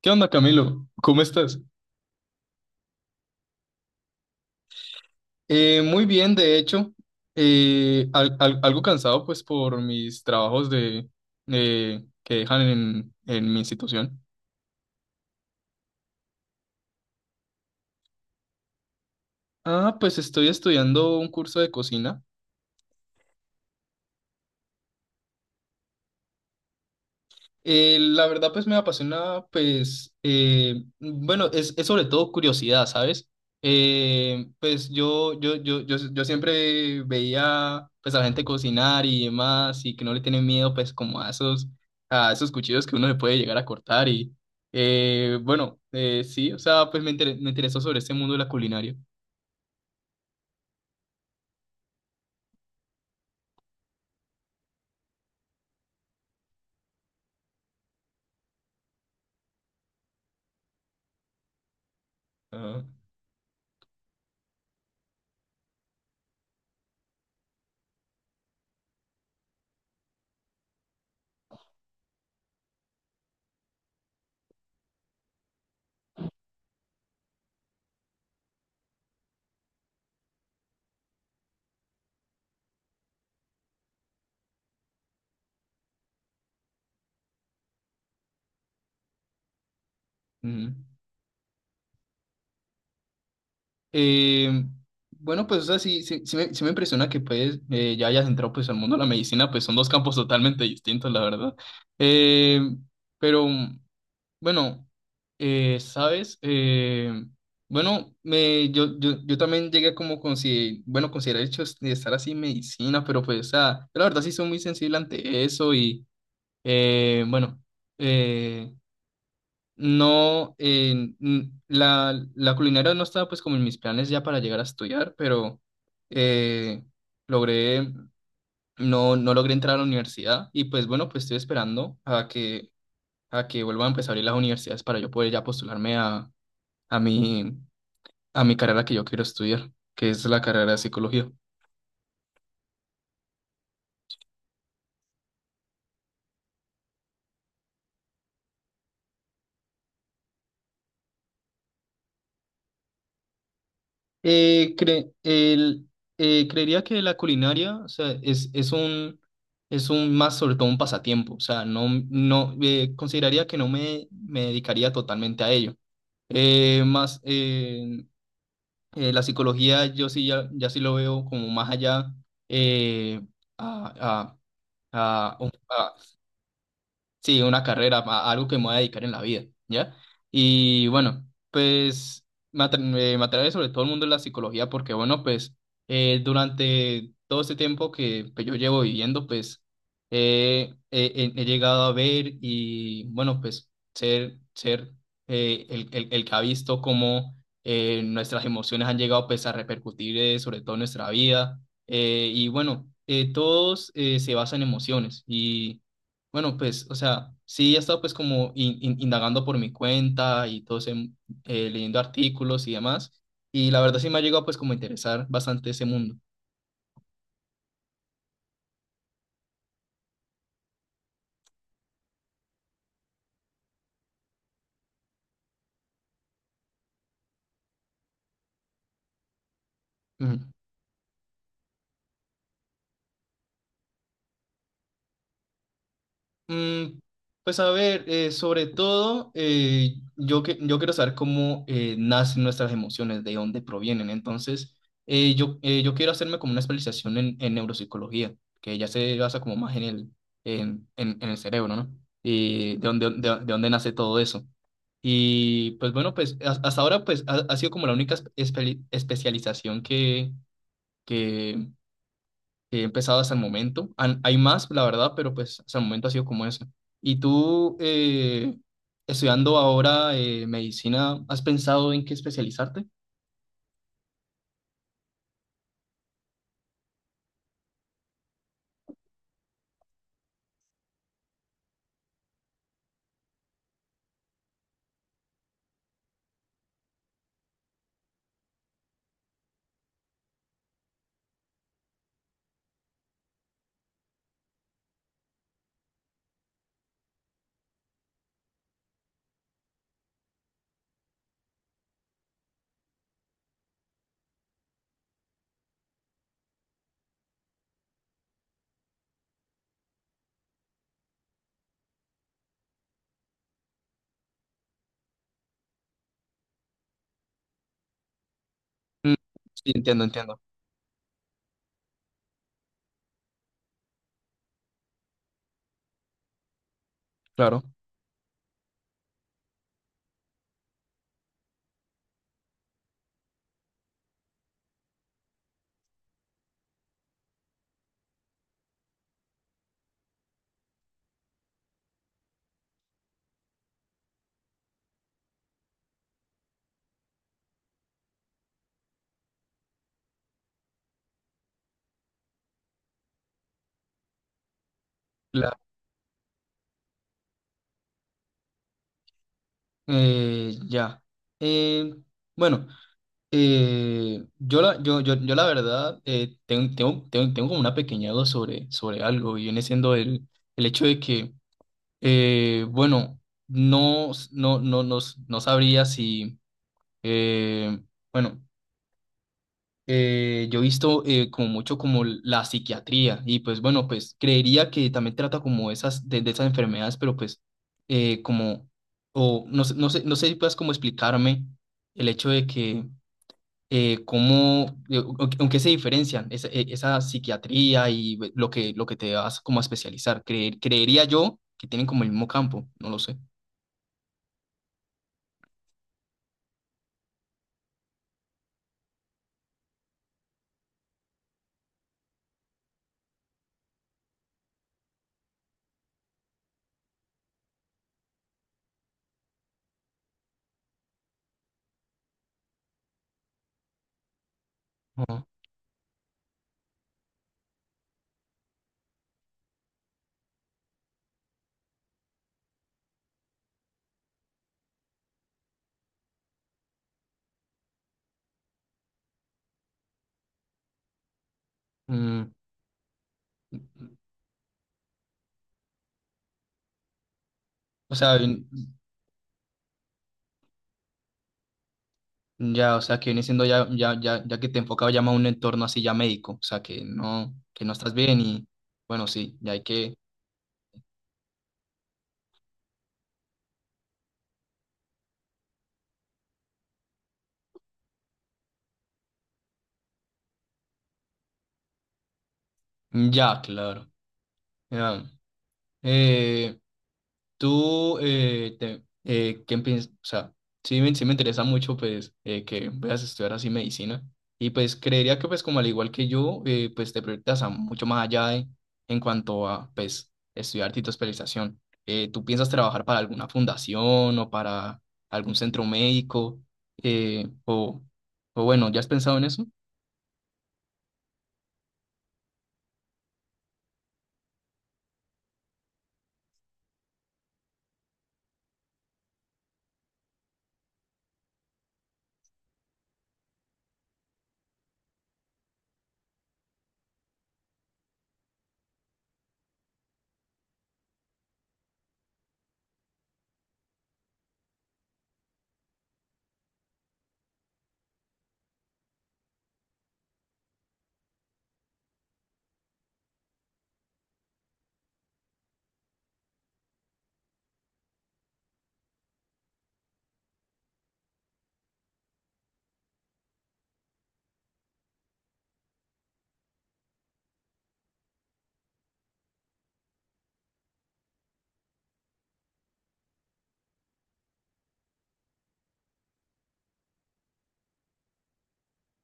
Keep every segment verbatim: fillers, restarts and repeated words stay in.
¿Qué onda, Camilo? ¿Cómo estás? Eh, muy bien, de hecho, eh, al- al- algo cansado pues por mis trabajos de, eh, que dejan en, en mi institución. Ah, pues estoy estudiando un curso de cocina. Eh, la verdad, pues me apasiona, pues, eh, bueno, es, es sobre todo curiosidad, ¿sabes? Eh, pues yo, yo, yo, yo, yo siempre veía, pues, a la gente cocinar y demás, y que no le tienen miedo, pues, como a esos, a esos cuchillos que uno le puede llegar a cortar, y, eh, bueno, eh, sí, o sea, pues me inter- me interesó sobre este mundo de la culinaria. Ah, ujú. Eh, bueno, pues, o sea, sí, sí, sí me, sí me impresiona que pues eh, ya hayas entrado pues al mundo de la medicina, pues son dos campos totalmente distintos, la verdad. Eh, pero Bueno, eh, ¿sabes? Eh, bueno, me, yo, yo, yo también llegué a como consi bueno, considerar el hecho de estar así en medicina, pero pues, o sea, yo la verdad sí soy muy sensible ante eso y, eh, bueno, eh, no, eh, n- la, la culinaria no estaba pues como en mis planes ya para llegar a estudiar, pero eh, logré, no, no logré entrar a la universidad y pues bueno, pues estoy esperando a que a que vuelvan a empezar a abrir las universidades para yo poder ya postularme a, a mi, a mi carrera que yo quiero estudiar, que es la carrera de psicología. Eh, cre- el- eh, creería que la culinaria, o sea, es, es un, es un más sobre todo un pasatiempo, o sea, no, no, eh, consideraría que no me, me dedicaría totalmente a ello. Eh, más, eh, eh, la psicología yo sí ya, ya sí lo veo como más allá eh, a, a, a, Sí, una carrera, a- algo que me voy a dedicar en la vida, ¿ya? Y bueno, pues me atra- me- me atrae sobre todo el mundo de la psicología porque, bueno, pues eh, durante todo este tiempo que pues, yo llevo viviendo, pues eh, eh, he, he llegado a ver y, bueno, pues ser, ser eh, el, el, el que ha visto cómo eh, nuestras emociones han llegado pues a repercutir eh, sobre todo en nuestra vida. Eh, y bueno, eh, todos eh, se basan en emociones y... Bueno, pues, o sea, sí he estado pues como in- in- indagando por mi cuenta y todo ese, mm, eh, leyendo artículos y demás, y la verdad sí me ha llegado pues como a interesar bastante ese mundo. Mm, pues a ver, eh, sobre todo, eh, yo, que, yo quiero saber cómo eh, nacen nuestras emociones, de dónde provienen. Entonces, eh, yo, eh, yo quiero hacerme como una especialización en, en neuropsicología, que ya se basa como más en el, en, en, en el cerebro, ¿no? Y de dónde, de, de dónde nace todo eso. Y pues bueno, pues has- hasta ahora pues ha, ha sido como la única espe- espeli- especialización que, que he empezado hasta el momento. Han- hay más, la verdad, pero pues hasta el momento ha sido como eso. ¿Y tú, eh, estudiando ahora eh, medicina, has pensado en qué especializarte? Mm, sí, entiendo, entiendo. Claro. La- eh, ya. Eh, bueno, eh, yo, la, yo, yo, yo la verdad eh, tengo, tengo, tengo, tengo como una pequeña duda sobre, sobre algo y viene siendo el, el hecho de que, eh, bueno, no, no, no, no, no sabría si Eh, bueno, eh, yo he visto eh, como mucho como la psiquiatría y pues bueno, pues creería que también trata como esas de, de esas enfermedades, pero pues eh, como, o no, sé- no sé, no sé si puedas como explicarme el hecho de que eh, cómo, eh, o- o- aunque se diferencian esa, e- esa psiquiatría y ve- lo que, lo que te vas como a especializar. Creer- creería yo que tienen como el mismo campo, no lo sé. Ajá. Mm, o sea, ya, o sea, que viene siendo ya, ya, ya, ya que te enfocaba ya más a un entorno así ya médico, o sea, que no, que no estás bien y bueno, sí, ya hay que, ya, claro, ya. Eh, tú, eh, te- eh, ¿qué piensas? O sea, sí me, sí me interesa mucho, pues, eh, que veas estudiar así medicina. Y pues creería que, pues, como al igual que yo, eh, pues te proyectas a mucho más allá de- en cuanto a, pues, estudiar tu especialización. Eh, ¿tú piensas trabajar para alguna fundación o para algún centro médico? Eh, o, o bueno, ¿ya has pensado en eso?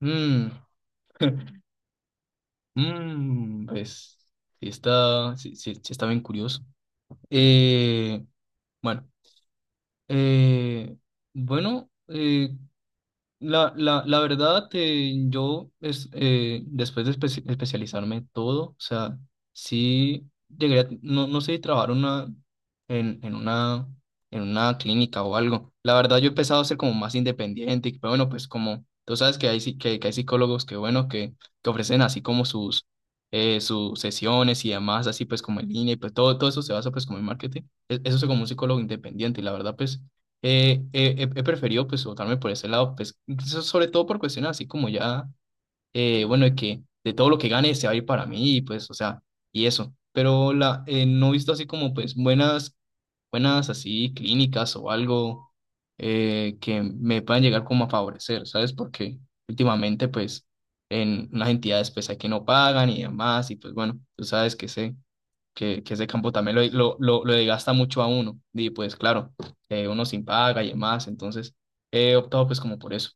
Mm, mm, pues, sí está, sí, sí sí está bien curioso. Eh, bueno, eh, bueno, eh, la, la, la verdad, eh, yo es, eh, después de espe- especializarme todo, o sea, sí llegué a- no, no sé, trabajar una, en, en una, en una clínica o algo. La verdad, yo he empezado a ser como más independiente, y, pero bueno, pues como tú sabes que hay, psi- que, que hay psicólogos que, bueno, que, que ofrecen así como sus, eh, sus sesiones y demás, así pues como en línea, y pues todo, todo eso se basa pues como en marketing. E- Eso es como un psicólogo independiente y la verdad, pues eh, eh, he he preferido pues votarme por ese lado, pues so- sobre todo por cuestiones así como ya, eh, bueno, de que de todo lo que gane se va a ir para mí, y pues, o sea, y eso. Pero la, eh, no he visto así como pues buenas, buenas así clínicas o algo eh, que me puedan llegar como a favorecer, ¿sabes? Porque últimamente pues en unas entidades pues hay que no pagan y demás, y pues bueno, tú sabes que sé que, que ese campo también lo, lo, lo, lo desgasta mucho a uno. Y pues claro, eh, uno sin paga y demás, entonces he optado pues como por eso.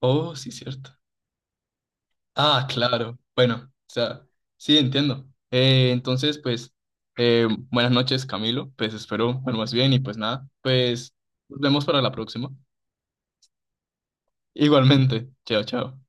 Oh, sí, cierto. Ah, claro. Bueno, o sea, sí, entiendo. Eh, entonces, pues, eh, buenas noches, Camilo. Pues espero bueno, más bien y pues nada, pues nos vemos para la próxima. Igualmente. Chao, chao.